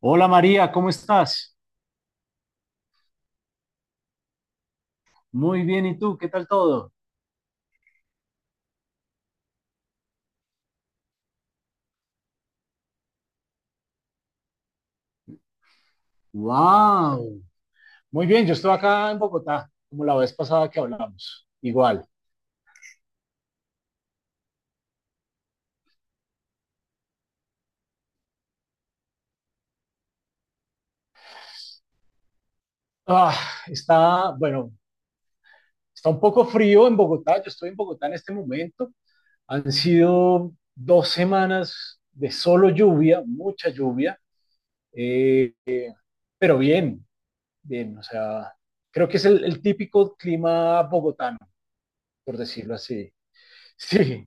Hola María, ¿cómo estás? Muy bien, ¿y tú? ¿Qué tal todo? Wow, muy bien, yo estoy acá en Bogotá, como la vez pasada que hablamos, igual. Ah, está, bueno, está un poco frío en Bogotá, yo estoy en Bogotá en este momento. Han sido 2 semanas de solo lluvia, mucha lluvia, eh, pero bien, bien, o sea, creo que es el típico clima bogotano, por decirlo así. Sí,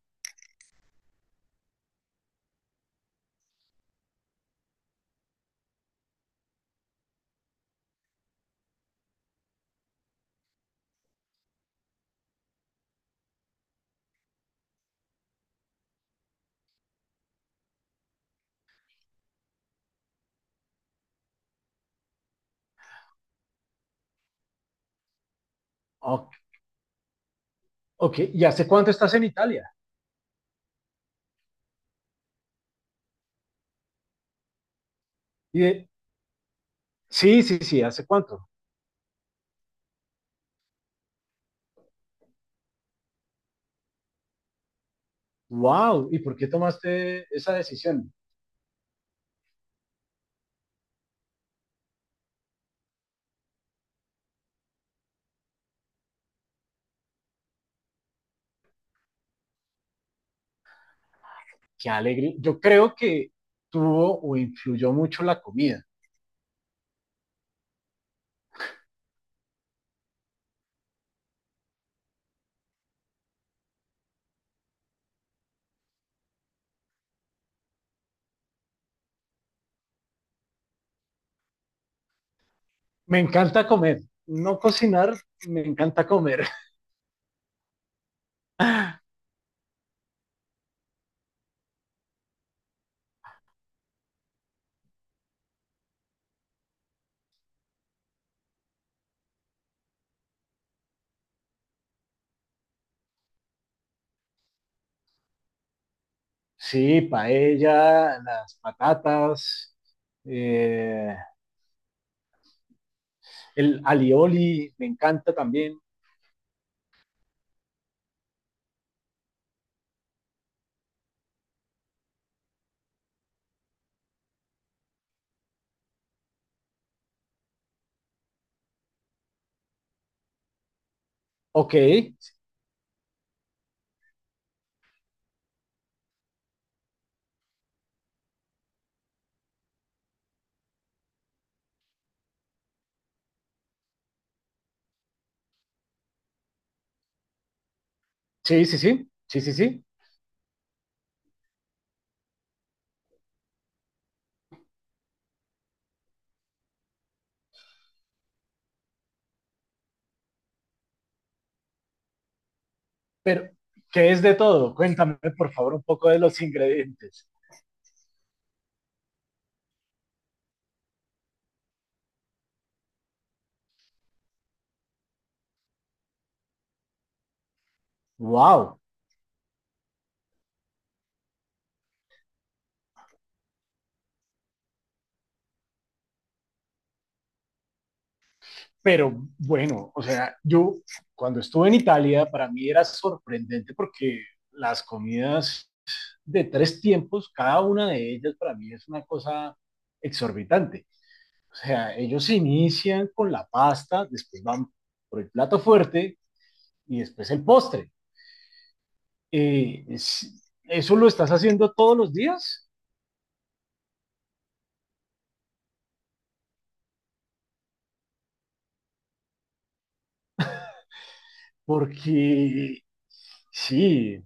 ok, ok. ¿Y hace cuánto estás en Italia? Sí, sí, sí, ¿hace cuánto? Wow, ¿y por qué tomaste esa decisión? Qué alegre. Yo creo que tuvo o influyó mucho la comida. Me encanta comer, no cocinar, me encanta comer. Sí, paella, las patatas, eh, el alioli me encanta también. Ok, sí, sí, sí, sí, sí, sí. Pero, ¿qué es de todo? Cuéntame, por favor, un poco de los ingredientes. Wow. Pero bueno, o sea, yo cuando estuve en Italia, para mí era sorprendente porque las comidas de tres tiempos, cada una de ellas para mí es una cosa exorbitante. O sea, ellos inician con la pasta, después van por el plato fuerte y después el postre. ¿Eso lo estás haciendo todos los días? Porque sí,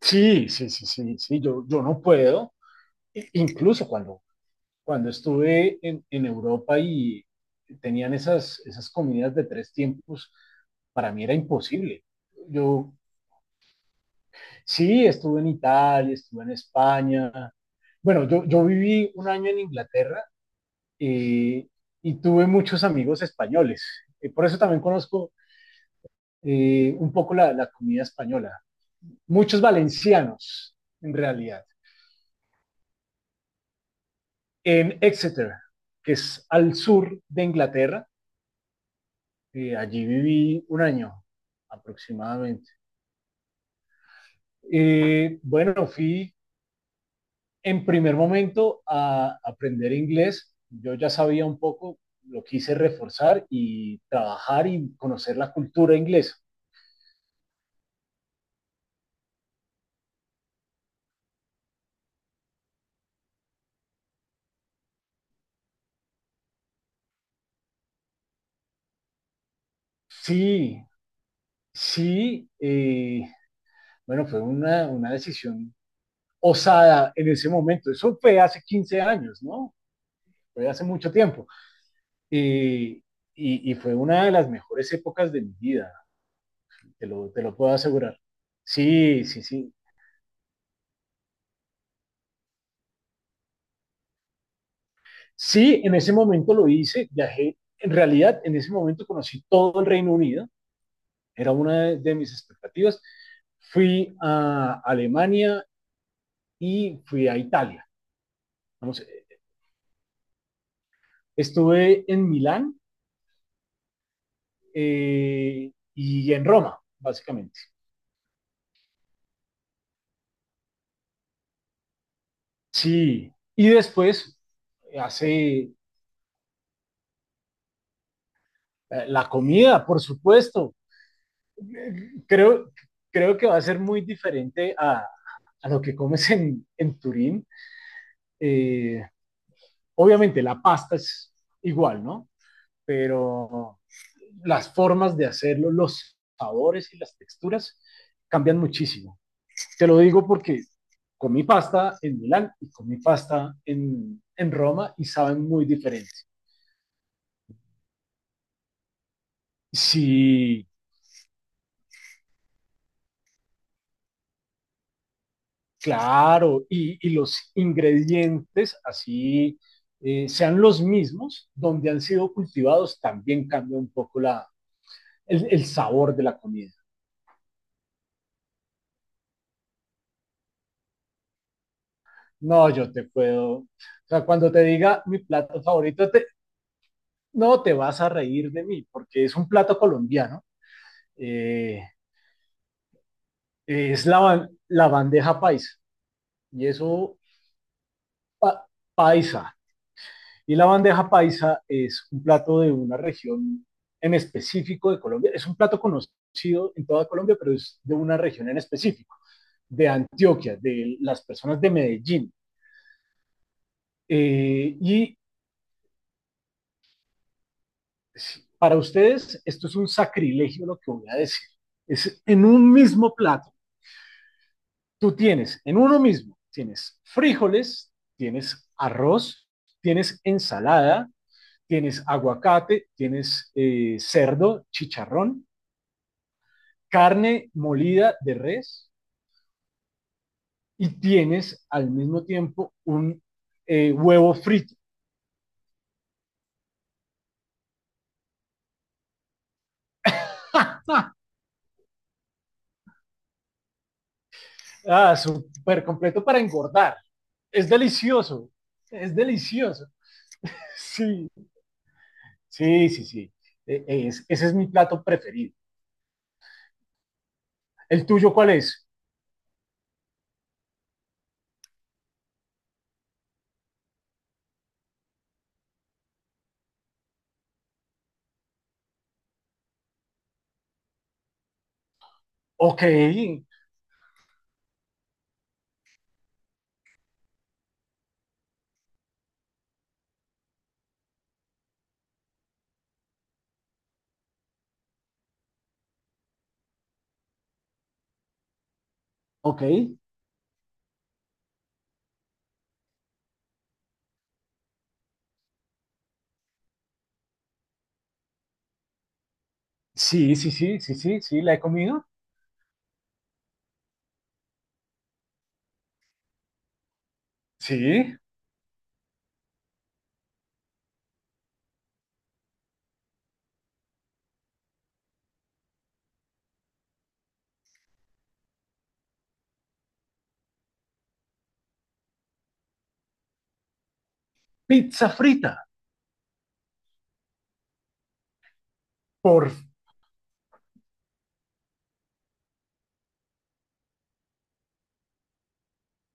sí, sí, sí, sí, sí, yo no puedo. Incluso cuando estuve en Europa y tenían esas comidas de tres tiempos, para mí era imposible. Yo sí estuve en Italia, estuve en España. Bueno, yo viví un año en Inglaterra, eh, y tuve muchos amigos españoles. Por eso también conozco un poco la comida española. Muchos valencianos, en realidad. En Exeter, que es al sur de Inglaterra, allí viví un año aproximadamente. Bueno, fui en primer momento a aprender inglés. Yo ya sabía un poco, lo quise reforzar y trabajar y conocer la cultura inglesa. Sí, sí, bueno, fue una decisión osada en ese momento. Eso fue hace 15 años, ¿no? Fue hace mucho tiempo. Y, y fue una de las mejores épocas de mi vida, te lo puedo asegurar. Sí, sí, sí. Sí, en ese momento lo hice, viajé. En realidad, en ese momento conocí todo el Reino Unido, era una de mis expectativas. Fui a Alemania y fui a Italia. Vamos, estuve en Milán, y en Roma, básicamente. Sí, y después hace la comida, por supuesto. Eh, Creo, creo que va a ser muy diferente a lo que comes en Turín. Eh, obviamente la pasta es igual, ¿no? Pero las formas de hacerlo, los sabores y las texturas cambian muchísimo. Te lo digo porque comí pasta en Milán y comí pasta en Roma y saben muy diferente. Sí. Claro, y los ingredientes, así sean los mismos, donde han sido cultivados, también cambia un poco la, el sabor de la comida. No, yo te puedo, o sea, cuando te diga mi plato favorito, te, no te vas a reír de mí, porque es un plato colombiano, eh, es la bandeja paisa, y eso, pa, paisa. Y la bandeja paisa es un plato de una región en específico de Colombia. Es un plato conocido en toda Colombia, pero es de una región en específico, de Antioquia, de las personas de Medellín. Y sí, para ustedes esto es un sacrilegio lo que voy a decir. Es en un mismo plato, tú tienes, en uno mismo, tienes frijoles, tienes arroz, tienes ensalada, tienes aguacate, tienes cerdo, chicharrón, carne molida de res y tienes al mismo tiempo un huevo frito. ah, súper completo para engordar. Es delicioso, es delicioso. Sí, sí, sí, sí. Ese es mi plato preferido. ¿El tuyo cuál es? Ok, ok. Sí, sí, sí, sí, sí, sí, la he comido. Sí. Pizza frita. ¿Por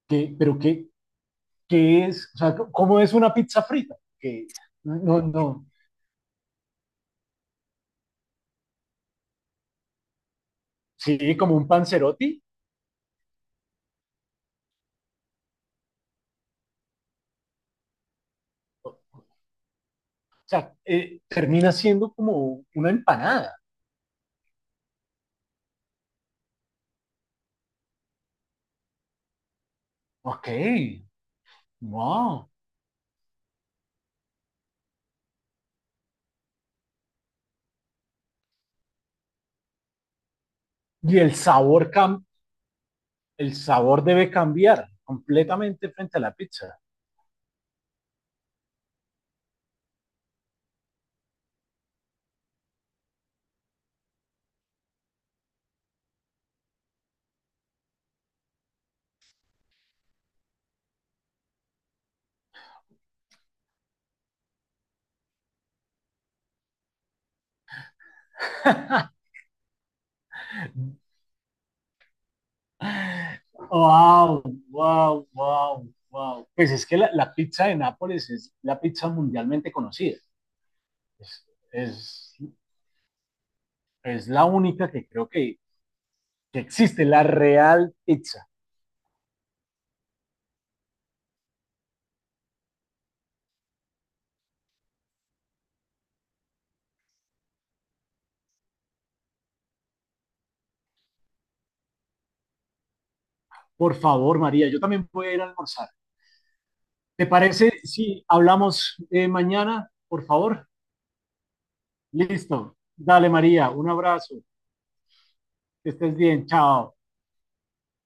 qué? Pero qué es? O sea, ¿cómo es una pizza frita? Que no, no, sí, como un panzerotti. O sea, termina siendo como una empanada. Ok, wow. Y el sabor, cam el sabor debe cambiar completamente frente a la pizza. wow, wow, wow, wow. Pues es que pizza de Nápoles es la pizza mundialmente conocida. Es, es, es la única que creo que existe, la real pizza. Por favor, María, yo también voy a ir a almorzar. ¿Te parece si hablamos mañana, por favor? Listo. Dale, María, un abrazo. Que estés bien. Chao.